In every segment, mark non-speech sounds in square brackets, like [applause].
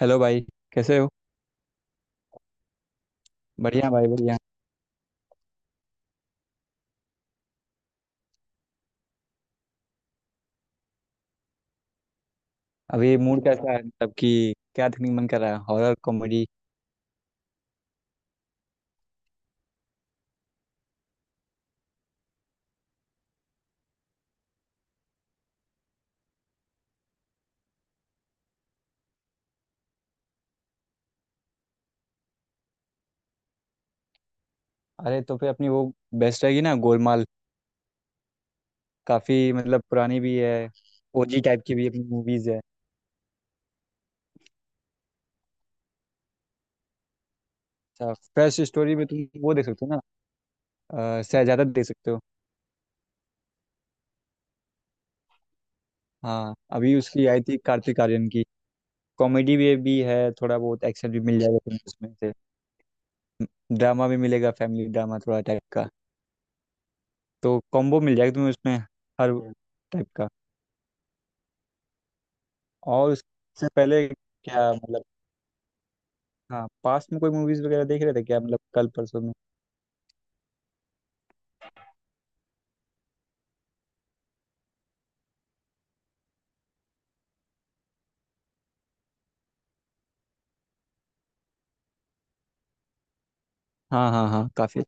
Hello भाई। कैसे हो? बढ़िया भाई बढ़िया। अभी मूड कैसा है, मतलब कि क्या देखने का मन कर रहा है, हॉरर कॉमेडी? अरे तो फिर अपनी वो बेस्ट रहेगी ना, गोलमाल। काफ़ी मतलब पुरानी भी है, ओजी टाइप की भी अपनी मूवीज़ है। अच्छा फ्रेश स्टोरी में तुम वो देख सकते हो ना, शहजादा देख सकते हो। हाँ अभी उसकी आई थी, कार्तिक आर्यन की। कॉमेडी भी है, थोड़ा बहुत एक्शन भी मिल जाएगा तुम्हें उसमें से। ड्रामा भी मिलेगा, फैमिली ड्रामा थोड़ा टाइप का। तो कॉम्बो मिल जाएगा तुम्हें उसमें, हर टाइप का। और उससे पहले क्या मतलब, हाँ पास्ट में कोई मूवीज वगैरह देख रहे थे क्या, मतलब कल परसों में? हाँ हाँ हाँ, काफी।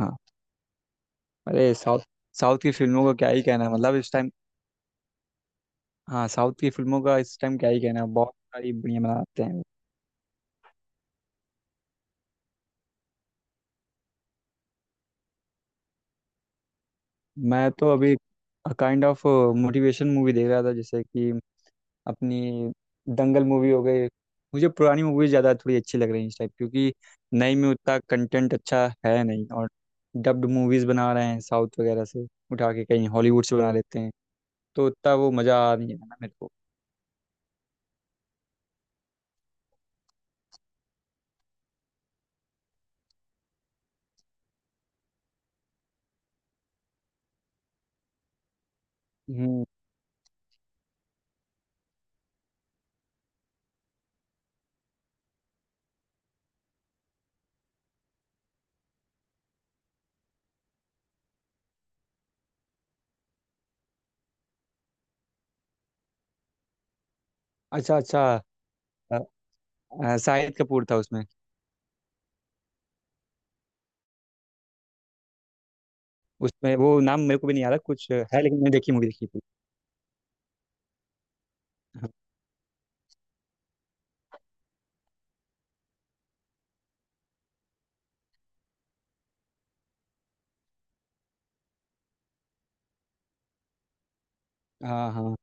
अच्छा। हाँ। अरे साउथ साउथ की फिल्मों का क्या ही कहना है, मतलब इस टाइम। हाँ साउथ की फिल्मों का इस टाइम क्या ही कहना है, बहुत सारी बढ़िया बनाते हैं। मैं तो अभी काइंड ऑफ मोटिवेशन मूवी देख रहा था, जैसे कि अपनी दंगल मूवी हो गई। मुझे पुरानी मूवी ज़्यादा थोड़ी अच्छी लग रही है इस टाइप, क्योंकि नई में उतना कंटेंट अच्छा है नहीं, और डब्ड मूवीज़ बना रहे हैं साउथ वगैरह से उठा के, कहीं हॉलीवुड से बना लेते हैं। तो उतना वो मज़ा आ नहीं रहा ना मेरे को। हम्म। अच्छा अच्छा। अ, शाहिद कपूर था उसमें। उसमें वो नाम मेरे को भी नहीं आ रहा, कुछ है लेकिन, मैंने देखी मूवी देखी थी। हाँ हाँ हाँ।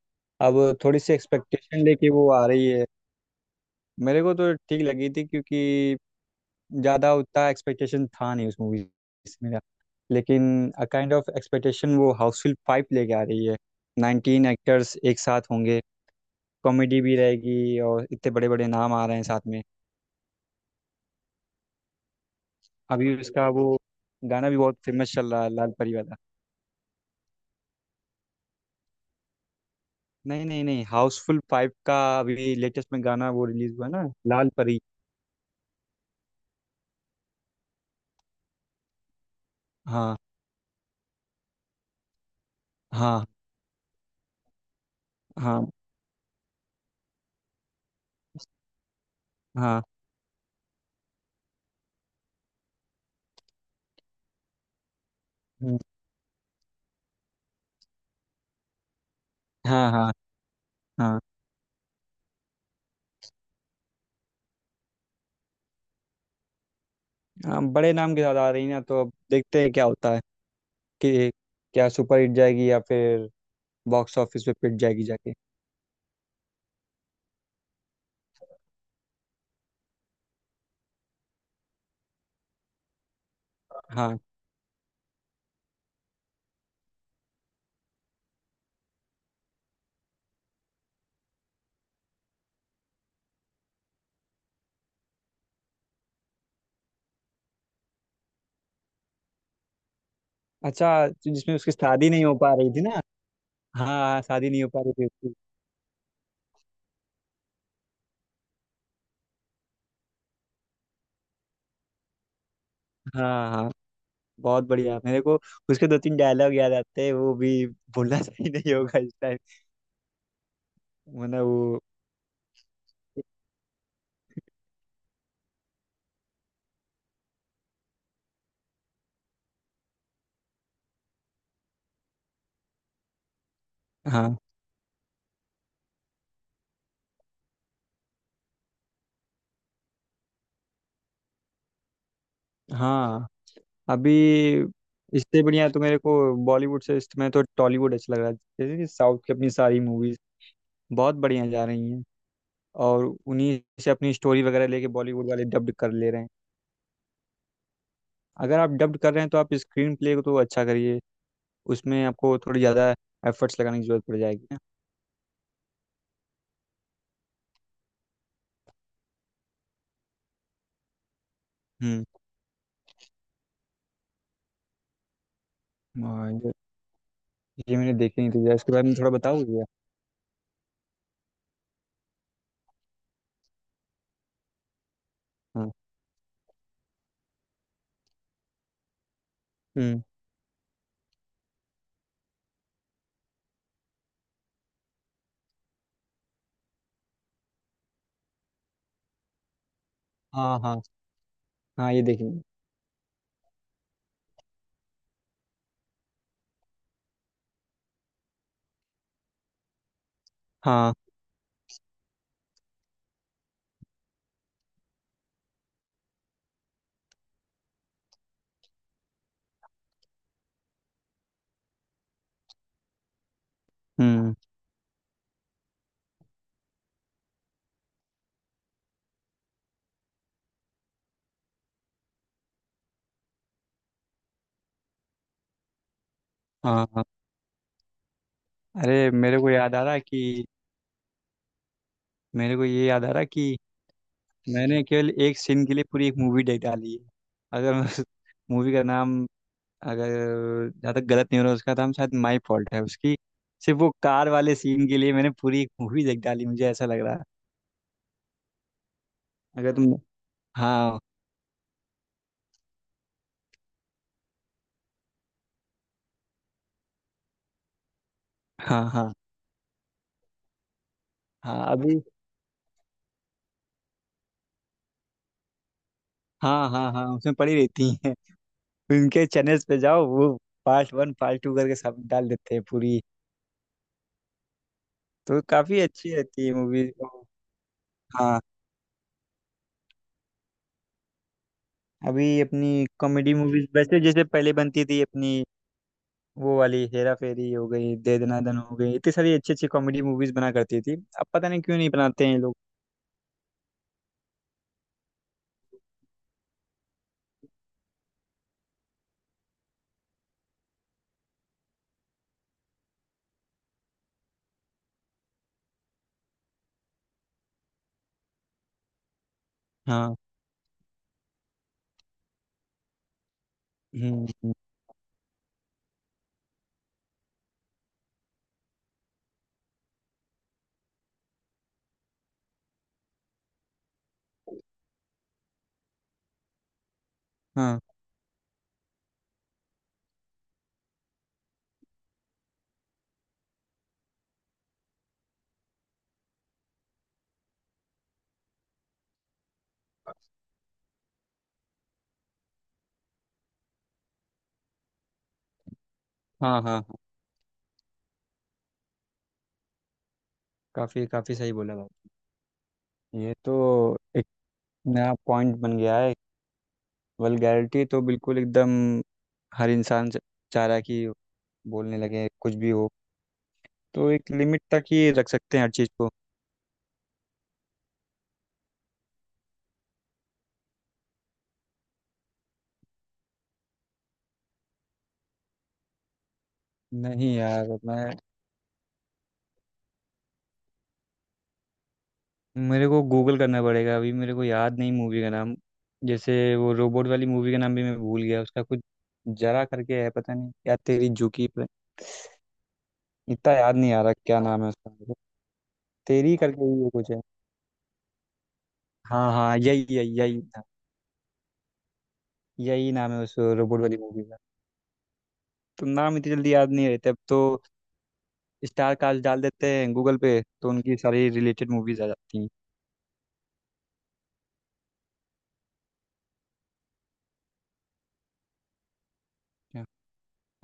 अब थोड़ी सी एक्सपेक्टेशन लेके वो आ रही है, मेरे को तो ठीक लगी थी, क्योंकि ज़्यादा उतना एक्सपेक्टेशन था नहीं उस मूवी से मेरा। लेकिन अ काइंड ऑफ एक्सपेक्टेशन वो हाउसफुल 5 लेके आ रही है, 19 एक्टर्स एक साथ होंगे, कॉमेडी भी रहेगी और इतने बड़े बड़े नाम आ रहे हैं साथ में। अभी उसका वो गाना भी बहुत फेमस चल रहा है, लाल परी वाला। नहीं नहीं नहीं, हाउसफुल 5 का अभी लेटेस्ट में गाना वो रिलीज हुआ है ना। लाल परी। हाँ हाँ हाँ हाँ। हम्म, हाँ हाँ हाँ हाँ। बड़े नाम के साथ आ रही ना, तो अब देखते हैं क्या होता है, कि क्या सुपर हिट जाएगी या फिर बॉक्स ऑफिस पे पिट जाएगी जाके। हाँ। अच्छा जिसमें उसकी शादी नहीं हो पा रही थी ना। हाँ हाँ, शादी नहीं हो पा रही थी उसकी। हाँ हाँ, बहुत बढ़िया मेरे को। उसके दो तीन डायलॉग याद आते हैं, वो भी भूलना सही नहीं होगा इस टाइम। मतलब वो। हाँ हाँ। अभी इससे बढ़िया तो मेरे को बॉलीवुड से इस समय तो टॉलीवुड अच्छा लग रहा है। जैसे कि साउथ की अपनी सारी मूवीज बहुत बढ़िया जा रही हैं, और उन्हीं से अपनी स्टोरी वगैरह लेके बॉलीवुड वाले डब्ड कर ले रहे हैं। अगर आप डब्ड कर रहे हैं तो आप स्क्रीन प्ले को तो अच्छा करिए, उसमें आपको थोड़ी ज़्यादा एफर्ट्स लगाने की जरूरत पड़ जाएगी ना। हम्म। हाँ, ये मैंने देखी नहीं थी, जरा इसके बारे में थोड़ा बताओगे। हाँ। हम्म। हाँ हाँ हाँ, ये देखेंगे। हाँ। हम्म। हाँ हाँ। अरे मेरे को याद आ रहा है कि मेरे को ये याद आ रहा है कि मैंने केवल एक सीन के लिए पूरी एक मूवी देख डाली है। अगर [laughs] मैं उस मूवी का नाम, अगर जहाँ तक गलत नहीं हो रहा, उसका नाम शायद माई फॉल्ट है उसकी। सिर्फ वो कार वाले सीन के लिए मैंने पूरी एक मूवी देख डाली, मुझे ऐसा लग रहा है। अगर तुम। हाँ हाँ हाँ हाँ। अभी। हाँ हाँ हाँ, उसमें पड़ी रहती हैं। उनके चैनल्स पे जाओ, वो पार्ट 1 पार्ट 2 करके सब डाल देते हैं पूरी। तो काफी अच्छी रहती है मूवीज। हाँ। अभी अपनी कॉमेडी मूवीज वैसे जैसे पहले बनती थी अपनी, वो वाली हेरा फेरी हो गई, दे दना दन हो गई, इतनी सारी अच्छी अच्छी कॉमेडी मूवीज बना करती थी, अब पता नहीं क्यों नहीं बनाते हैं ये लोग। हाँ। हम्म हम्म, हाँ हाँ हाँ हाँ। काफी काफी सही बोला भाई। ये तो एक नया पॉइंट बन गया है। वल्गैरिटी तो बिल्कुल एकदम हर इंसान चाह रहा है कि बोलने लगे कुछ भी हो। तो एक लिमिट तक ही रख सकते हैं हर चीज़ को। नहीं यार मैं, मेरे को गूगल करना पड़ेगा, अभी मेरे को याद नहीं मूवी का नाम। जैसे वो रोबोट वाली मूवी का नाम भी मैं भूल गया, उसका कुछ जरा करके है, पता नहीं, या तेरी झुकी पे। इतना याद नहीं आ रहा क्या नाम है उसका मेरे को। तेरी करके ही वो कुछ है। हाँ हाँ, यही यही यही था, यही नाम है उस रोबोट वाली मूवी का। तो नाम इतनी जल्दी याद नहीं रहते अब तो, स्टार कास्ट डाल देते हैं गूगल पे तो उनकी सारी रिलेटेड मूवीज आ जाती हैं।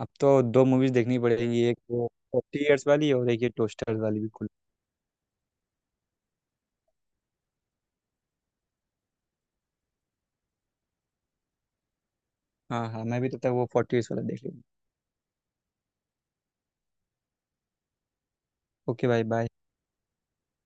अब तो दो मूवीज देखनी पड़ेगी, एक वो 40 ईयर्स वाली और एक ये टोस्टर्स वाली, बिल्कुल। हाँ हाँ, मैं भी तो तक वो 40 ईयर्स वाला देख लूँगा। ओके भाई बाय।